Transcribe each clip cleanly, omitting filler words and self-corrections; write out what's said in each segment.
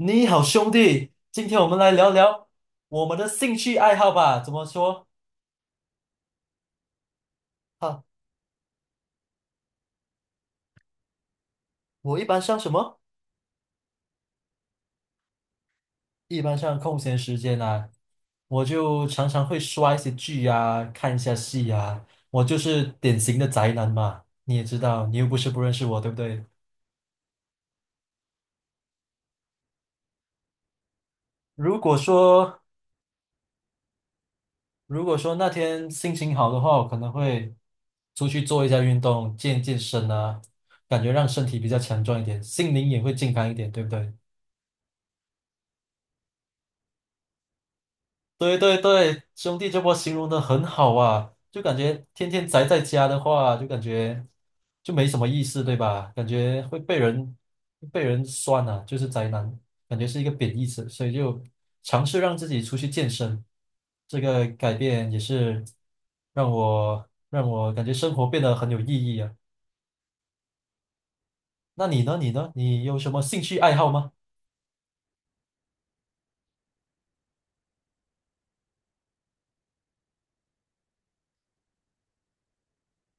你好，兄弟，今天我们来聊聊我们的兴趣爱好吧。怎么说？哈，我一般上什么？一般上空闲时间啊，我就常常会刷一些剧啊，看一下戏啊。我就是典型的宅男嘛，你也知道，你又不是不认识我，对不对？如果说如果说那天心情好的话，我可能会出去做一下运动，健健身啊，感觉让身体比较强壮一点，心灵也会健康一点，对不对？对对对，兄弟这波形容的很好啊，就感觉天天宅在家的话，就感觉就没什么意思，对吧？感觉会被人酸啊，就是宅男，感觉是一个贬义词，所以就尝试让自己出去健身，这个改变也是让我感觉生活变得很有意义啊。那你呢？你呢？你有什么兴趣爱好吗？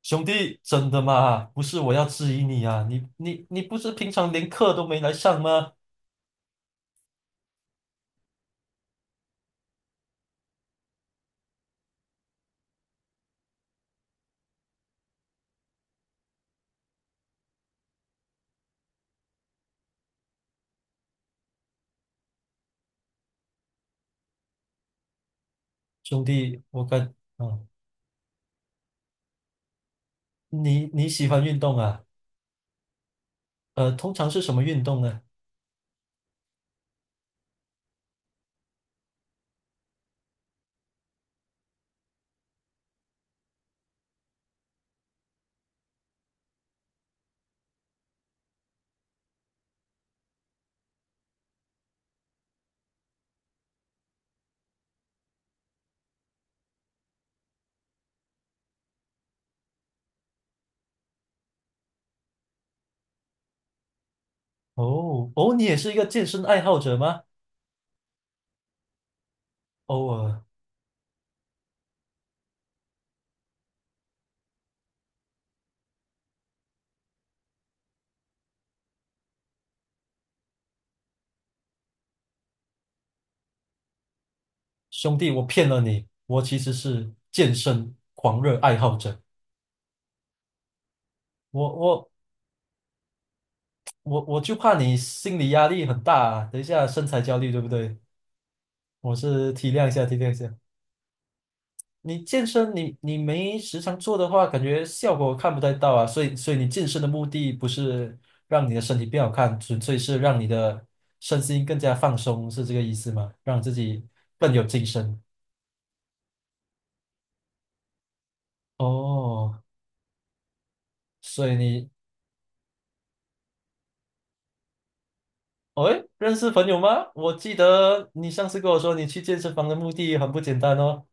兄弟，真的吗？不是我要质疑你啊，你不是平常连课都没来上吗？兄弟，我感，嗯，你喜欢运动啊？通常是什么运动呢？哦哦，你也是一个健身爱好者吗？偶尔，兄弟，我骗了你，我其实是健身狂热爱好者。我我我就怕你心理压力很大啊等一下身材焦虑，对不对？我是体谅一下，体谅一下。你健身你没时常做的话，感觉效果看不太到啊。所以你健身的目的不是让你的身体变好看，纯粹是让你的身心更加放松，是这个意思吗？让自己更有精神。哦，所以你，哦，诶认识朋友吗？我记得你上次跟我说，你去健身房的目的很不简单哦。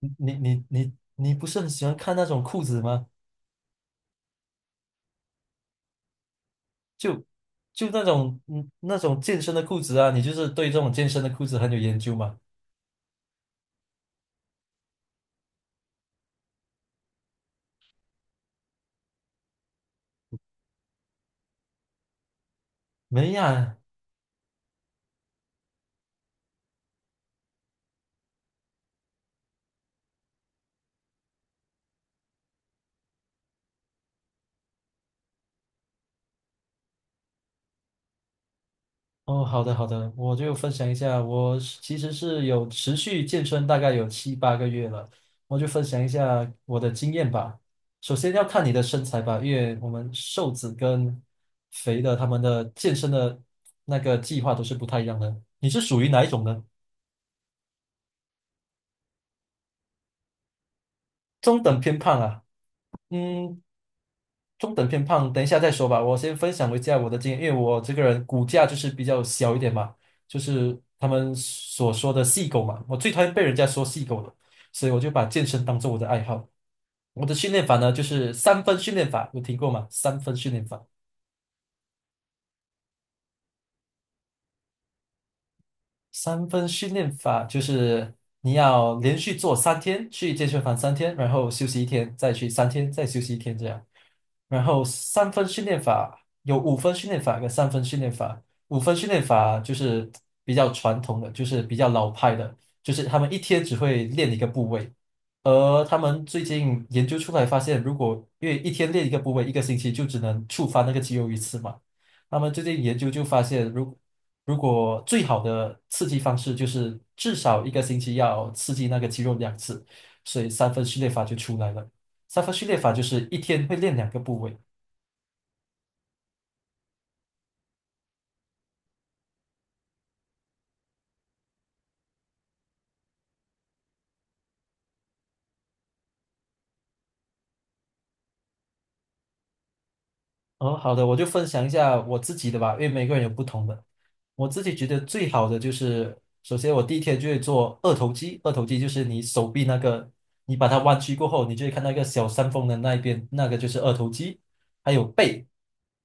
你不是很喜欢看那种裤子吗？就就那种健身的裤子啊，你就是对这种健身的裤子很有研究嘛？没呀，哦，好的好的，我就分享一下，其实是有持续健身，大概有7、8个月了，我就分享一下我的经验吧。首先要看你的身材吧，因为我们瘦子跟肥的他们的健身的那个计划都是不太一样的。你是属于哪一种呢？中等偏胖啊？嗯，中等偏胖，等一下再说吧。我先分享一下我的经验，因为我这个人骨架就是比较小一点嘛，就是他们所说的“细狗”嘛，我最讨厌被人家说“细狗”了，所以我就把健身当做我的爱好。我的训练法呢，就是三分训练法，有听过吗？三分训练法。三分训练法就是你要连续做三天，去健身房三天，然后休息一天，再去三天，再休息一天这样。然后三分训练法有五分训练法跟三分训练法。五分训练法就是比较传统的，就是比较老派的，就是他们一天只会练一个部位。而他们最近研究出来发现，如果因为一天练一个部位，一个星期就只能触发那个肌肉一次嘛。他们最近研究就发现，如果最好的刺激方式就是至少一个星期要刺激那个肌肉两次，所以三分序列法就出来了。三分序列法就是一天会练两个部位。哦，好的，我就分享一下我自己的吧，因为每个人有不同的。我自己觉得最好的就是，首先我第一天就会做二头肌，二头肌就是你手臂那个，你把它弯曲过后，你就会看到一个小山峰的那一边，那个就是二头肌。还有背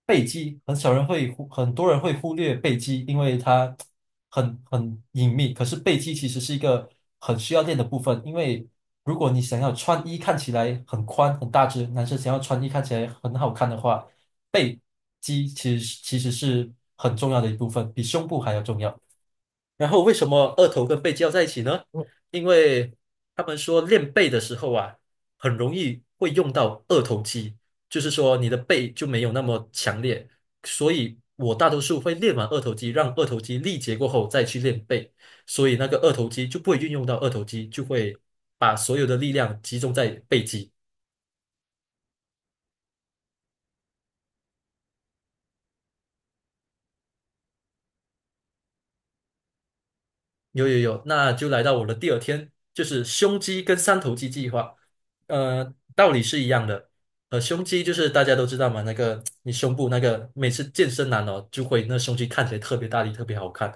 背肌，很多人会忽略背肌，因为它很隐秘。可是背肌其实是一个很需要练的部分，因为如果你想要穿衣看起来很宽很大只，男生想要穿衣看起来很好看的话，背肌其实是很重要的一部分，比胸部还要重要。然后为什么二头跟背肌要在一起呢？因为他们说练背的时候啊，很容易会用到二头肌，就是说你的背就没有那么强烈，所以我大多数会练完二头肌，让二头肌力竭过后再去练背，所以那个二头肌就不会运用到二头肌，就会把所有的力量集中在背肌。有有有，那就来到我的第二天，就是胸肌跟三头肌计划。道理是一样的。胸肌就是大家都知道嘛，那个你胸部那个每次健身男哦，就会那胸肌看起来特别大力，特别好看。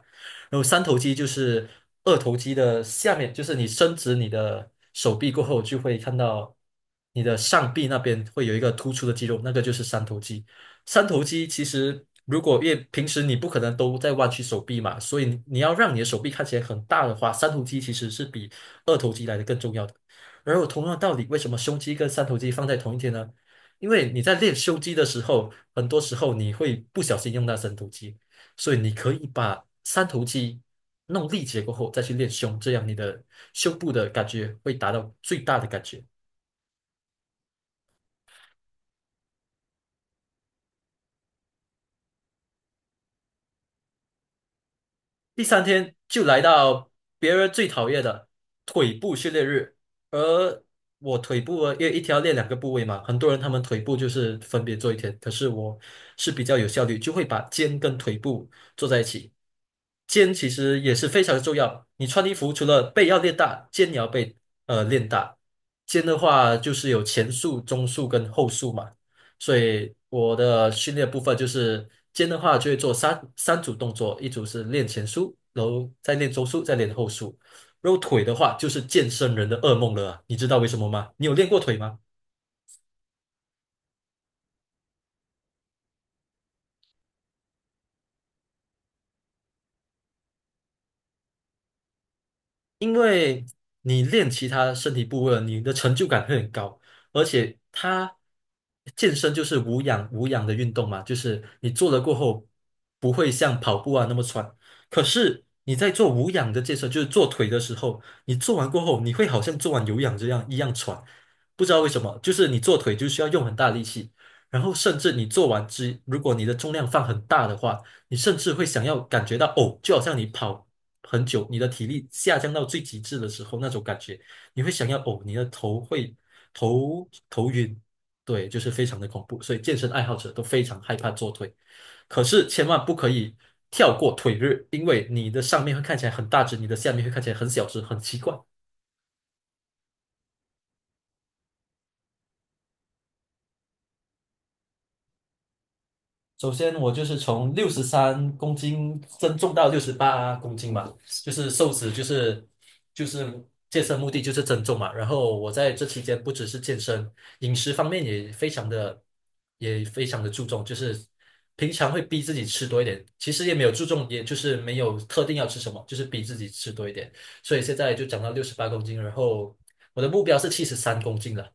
然后三头肌就是二头肌的下面，就是你伸直你的手臂过后，就会看到你的上臂那边会有一个突出的肌肉，那个就是三头肌。三头肌其实如果因为平时你不可能都在弯曲手臂嘛，所以你要让你的手臂看起来很大的话，三头肌其实是比二头肌来的更重要的。而有同样的道理，为什么胸肌跟三头肌放在同一天呢？因为你在练胸肌的时候，很多时候你会不小心用到三头肌，所以你可以把三头肌弄力竭过后再去练胸，这样你的胸部的感觉会达到最大的感觉。第三天就来到别人最讨厌的腿部训练日，而我腿部啊因为一天要练两个部位嘛，很多人他们腿部就是分别做一天，可是我是比较有效率，就会把肩跟腿部做在一起。肩其实也是非常重要，你穿衣服除了背要练大，肩也要练大。肩的话就是有前束、中束跟后束嘛。所以我的训练部分就是肩的话就会做三组动作，一组是练前束，然后再练中束，再练后束。然后腿的话就是健身人的噩梦了啊你知道为什么吗？你有练过腿吗？因为你练其他身体部位了，你的成就感会很高，而且它健身就是无氧的运动嘛，就是你做了过后不会像跑步啊那么喘。可是你在做无氧的健身，就是做腿的时候，你做完过后，你会好像做完有氧这样一样喘，不知道为什么，就是你做腿就需要用很大力气，然后甚至你做完之，如果你的重量放很大的话。你甚至会想要感觉到哦，就好像你跑很久，你的体力下降到最极致的时候那种感觉，你会想要哦，你的头会头晕，对，就是非常的恐怖，所以健身爱好者都非常害怕做腿，可是千万不可以跳过腿日，因为你的上面会看起来很大只，你的下面会看起来很小只，很奇怪。首先，我就是从63公斤增重到六十八公斤嘛，就是瘦子，就是健身目的就是增重嘛。然后我在这期间不只是健身，饮食方面也非常的注重，就是平常会逼自己吃多一点，其实也没有注重，也就是没有特定要吃什么，就是逼自己吃多一点。所以现在就长到六十八公斤，然后我的目标是73公斤了。